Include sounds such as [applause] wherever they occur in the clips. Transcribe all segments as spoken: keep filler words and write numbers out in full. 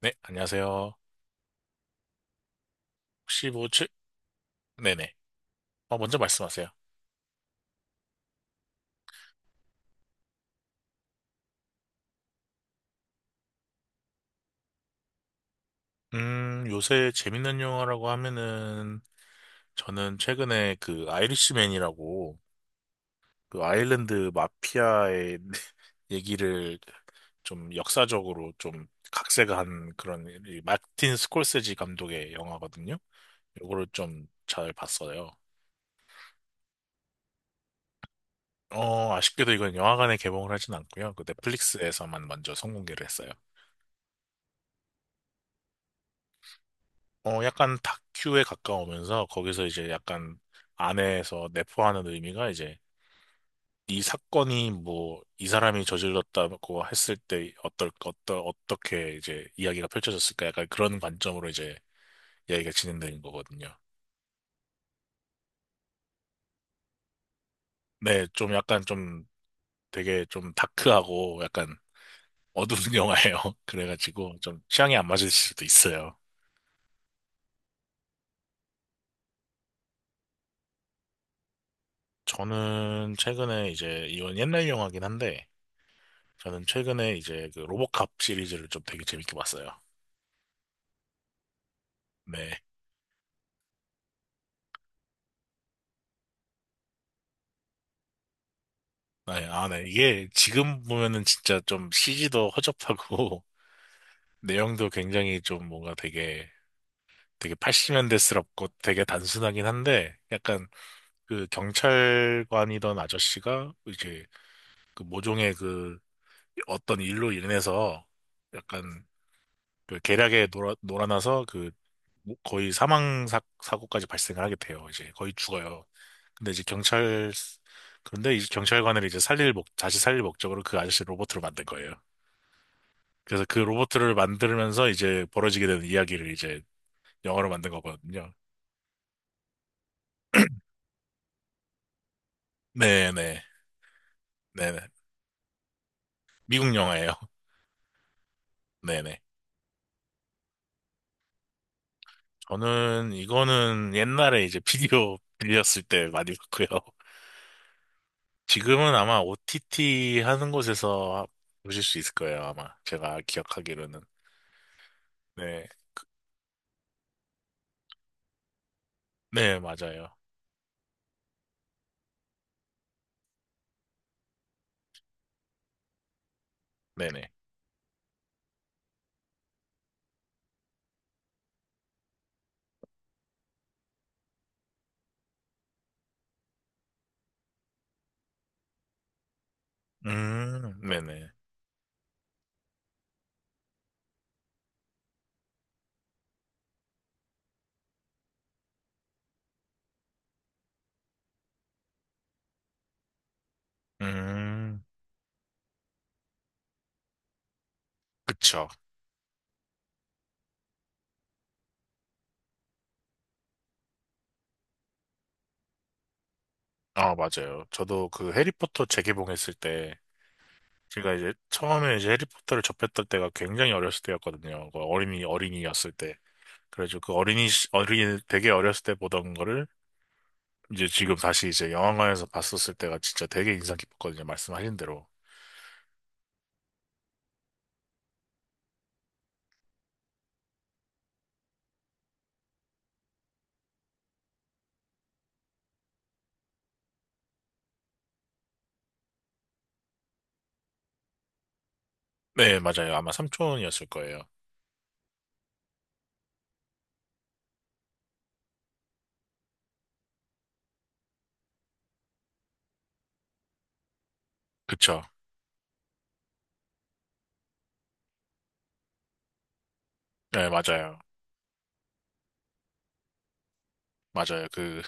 네, 안녕하세요. 혹시 뭐, 최... 네네. 어, 먼저 말씀하세요. 음, 요새 재밌는 영화라고 하면은, 저는 최근에 그 아이리시맨이라고, 그 아일랜드 마피아의 [laughs] 얘기를 좀 역사적으로 좀 각색한 그런, 이 마틴 스콜세지 감독의 영화거든요. 요거를 좀 잘 봤어요. 어, 아쉽게도 이건 영화관에 개봉을 하진 않고요. 그 넷플릭스에서만 먼저 선공개를 했어요. 어, 약간 다큐에 가까우면서 거기서 이제 약간 안에서 내포하는 의미가 이제 이 사건이 뭐 이 사람이 저질렀다고 했을 때 어떨, 어떠, 어떻게 이제 이야기가 펼쳐졌을까 약간 그런 관점으로 이제 이야기가 진행되는 거거든요. 네, 좀 약간 좀 되게 좀 다크하고 약간 어두운 [laughs] 영화예요. 그래가지고 좀 취향이 안 맞을 수도 있어요. 저는 최근에 이제 이건 옛날 영화긴 한데 저는 최근에 이제 그 로보캅 시리즈를 좀 되게 재밌게 봤어요. 네. 네, 아, 네. 이게 지금 보면은 진짜 좀 씨지도 허접하고 [laughs] 내용도 굉장히 좀 뭔가 되게 되게 팔십 년대스럽고 되게 단순하긴 한데 약간 그 경찰관이던 아저씨가 이제 그 모종의 그 어떤 일로 인해서 약간 그 계략에 놀아, 놀아나서 그 뭐 거의 사망 사, 사고까지 발생을 하게 돼요. 이제 거의 죽어요. 근데 이제 경찰 그런데 이 경찰관을 이제 살릴 목 다시 살릴 목적으로 그 아저씨 로봇으로 만든 거예요. 그래서 그 로봇을 만들면서 이제 벌어지게 되는 이야기를 이제 영화로 만든 거거든요. 네네. 네네. 미국 영화예요. [laughs] 네네. 저는 이거는 옛날에 이제 비디오 [laughs] 빌렸을 때 많이 봤고요. 지금은 아마 오티티 하는 곳에서 보실 수 있을 거예요. 아마 제가 기억하기로는. 네네. 맞아요. 네네. 음 네네. 음 그쵸. 아, 맞아요. 저도 그 해리포터 재개봉했을 때, 제가 이제 처음에 이제 해리포터를 접했던 때가 굉장히 어렸을 때였거든요. 그 어린이, 어린이였을 때. 그래가지고 그 어린이, 시- 어린이, 되게 어렸을 때 보던 거를 이제 지금 다시 이제 영화관에서 봤었을 때가 진짜 되게 인상 깊었거든요. 말씀하신 대로. 네, 맞아요. 아마 삼촌이었을 거예요. 그쵸. 네, 맞아요. 맞아요. 그,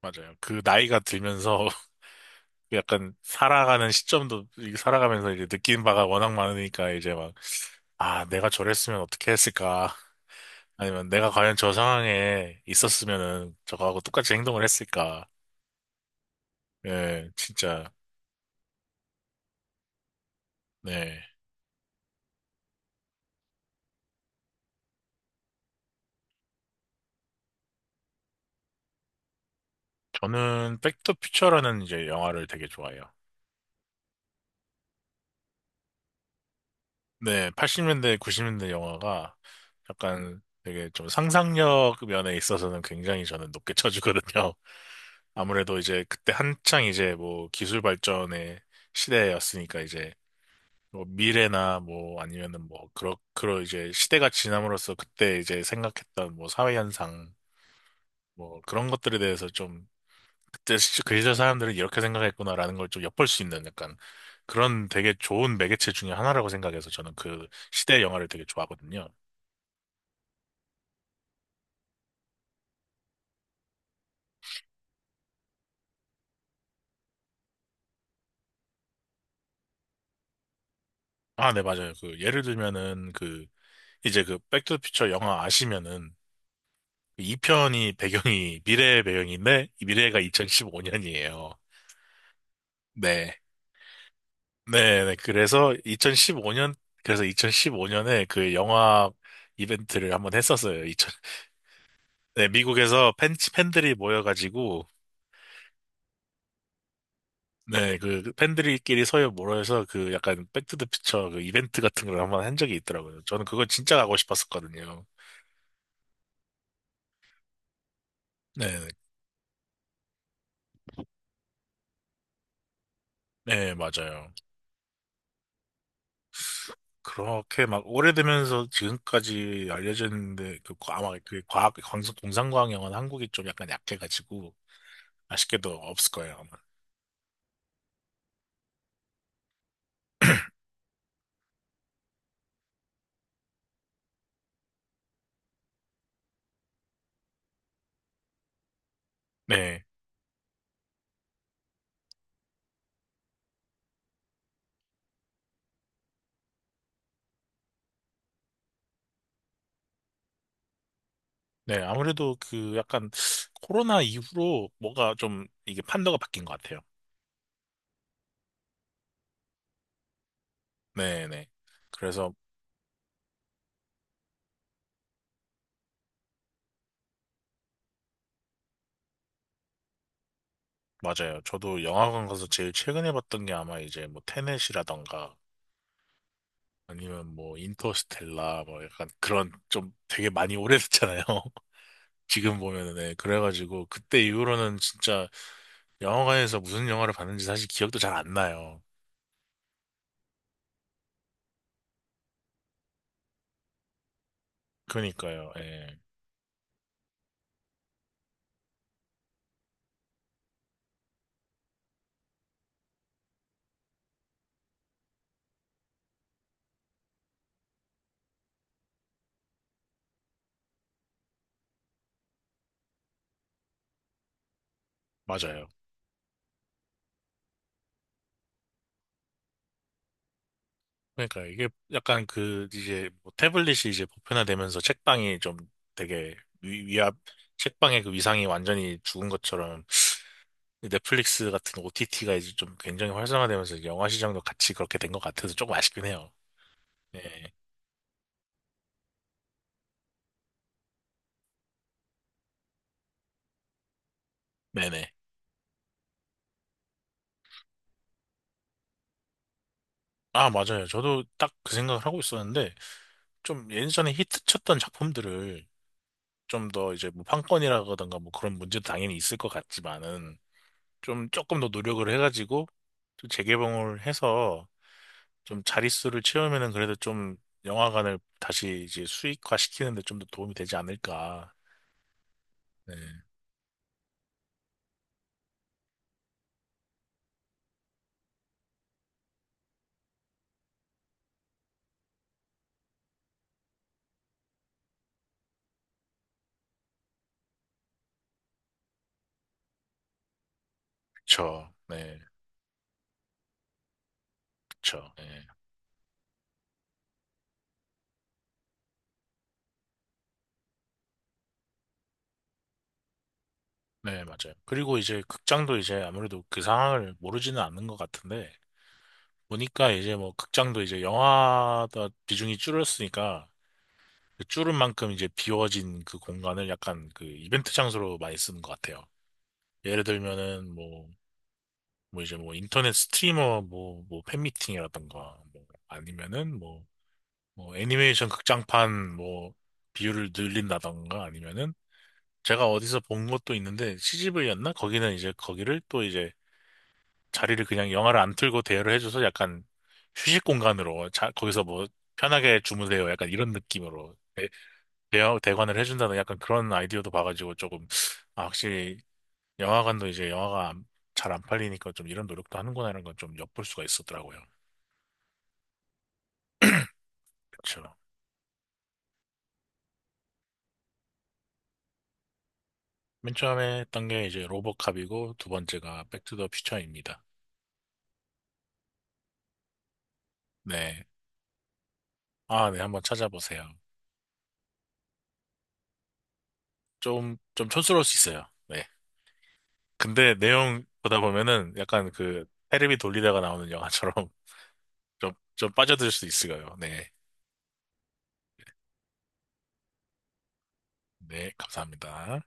맞아요. 그 나이가 들면서 [laughs] 약간 살아가는 시점도, 이- 살아가면서 이제 느끼는 바가 워낙 많으니까 이제 막 아, 내가 저랬으면 어떻게 했을까? 아니면 내가 과연 저 상황에 있었으면은 저거하고 똑같이 행동을 했을까? 예, 진짜, 네. 저는 백투퓨처라는 이제 영화를 되게 좋아해요. 네, 팔십 년대, 구십 년대 영화가 약간 되게 좀 상상력 면에 있어서는 굉장히 저는 높게 쳐주거든요. [laughs] 아무래도 이제 그때 한창 이제 뭐 기술 발전의 시대였으니까 이제 뭐 미래나 뭐 아니면은 뭐 그런 그런 이제 시대가 지남으로써 그때 이제 생각했던 뭐 사회 현상 뭐 그런 것들에 대해서 좀 그때 시- 그 시절 사람들은 이렇게 생각했구나라는 걸 좀 엿볼 수 있는 약간 그런 되게 좋은 매개체 중에 하나라고 생각해서 저는 그 시대 영화를 되게 좋아하거든요. 아, 네, 맞아요. 그 예를 들면은 그 이제 그 백투더퓨처 영화 아시면은 이 편이 배경이 미래의 배경인데 이 미래가 이천십오 년이에요. 네. 네, 네. 그래서 이천십오 년, 그래서 이천십오 년에 그 영화 이벤트를 한번 했었어요. 이천, 네, 미국에서 팬, 팬들이 모여가지고, 네, 그 팬들끼리 서로 모여서 그 약간 백투더퓨처 그 이벤트 같은 걸 한번 한 적이 있더라고요. 저는 그거 진짜 가고 싶었었거든요. 네, 네, 맞아요. 그렇게 막 오래되면서 지금까지 알려져 있는데, 그 과- 아마 그 과학, 광 공상과학 영화는 한국이 좀 약간 약해가지고, 아쉽게도 없을 거예요, 아마. 네. 네, 아무래도 그 약간 코로나 이후로 뭐가 좀 이게 판도가 바뀐 것 같아요. 네네. 그래서 맞아요. 저도 영화관 가서 제일 최근에 봤던 게 아마 이제 뭐 테넷이라던가 아니면 뭐 인터스텔라 뭐 약간 그런 좀 되게 많이 오래됐잖아요. [laughs] 지금 보면은 네, 그래가지고 그때 이후로는 진짜 영화관에서 무슨 영화를 봤는지 사실 기억도 잘 안 나요. 그러니까요. 예. 맞아요. 그러니까 이게 약간 그 이제 뭐 태블릿이 이제 보편화되면서 책방이 좀 되게 위, 위압 책방의 그 위상이 완전히 죽은 것처럼 넷플릭스 같은 오티티가 이제 좀 굉장히 활성화되면서 이제 영화 시장도 같이 그렇게 된 것 같아서 조금 아쉽긴 해요. 네, 네네. 아, 맞아요. 저도 딱 그 생각을 하고 있었는데 좀 예전에 히트쳤던 작품들을 좀 더 이제 뭐 판권이라든가 뭐 그런 문제도 당연히 있을 것 같지만은 좀 조금 더 노력을 해가지고 좀 재개봉을 해서 좀 자릿수를 채우면은 그래도 좀 영화관을 다시 이제 수익화 시키는데 좀 더 도움이 되지 않을까. 네, 그쵸. 네, 그쵸. 네, 네, 맞아요. 그리고 이제 극장도 이제 아무래도 그 상황을 모르지는 않는 것 같은데 보니까 이제 뭐 극장도 이제 영화다 비중이 줄었으니까 그 줄은 만큼 이제 비워진 그 공간을 약간 그 이벤트 장소로 많이 쓰는 것 같아요. 예를 들면은 뭐 뭐 이제 뭐 인터넷 스트리머 뭐 뭐 팬미팅이라던가 뭐 아니면은 뭐 뭐 애니메이션 극장판 뭐 비율을 늘린다던가 아니면은 제가 어디서 본 것도 있는데 씨지비였나? 거기는 이제 거기를 또 이제 자리를 그냥 영화를 안 틀고 대여를 해줘서 약간 휴식 공간으로 자, 거기서 뭐 편하게 주무세요 약간 이런 느낌으로 대, 대여, 대관을 해준다는 약간 그런 아이디어도 봐가지고 조금. 아, 확실히 영화관도 이제 영화가 잘 안 팔리니까 좀 이런 노력도 하는구나 이런 건 좀 엿볼 수가 있었더라고요. 그렇죠. 맨 처음에 했던 게 이제 로보캅이고 두 번째가 백투더 퓨처입니다. 네. 아, 네. 한번 찾아보세요. 좀, 좀 촌스러울 수 있어요. 네. 근데 내용 보다 보면은 약간 그 테레비 돌리다가 나오는 영화처럼 [laughs] 좀, 좀 빠져들 수 있어요. 네. 네. 감사합니다.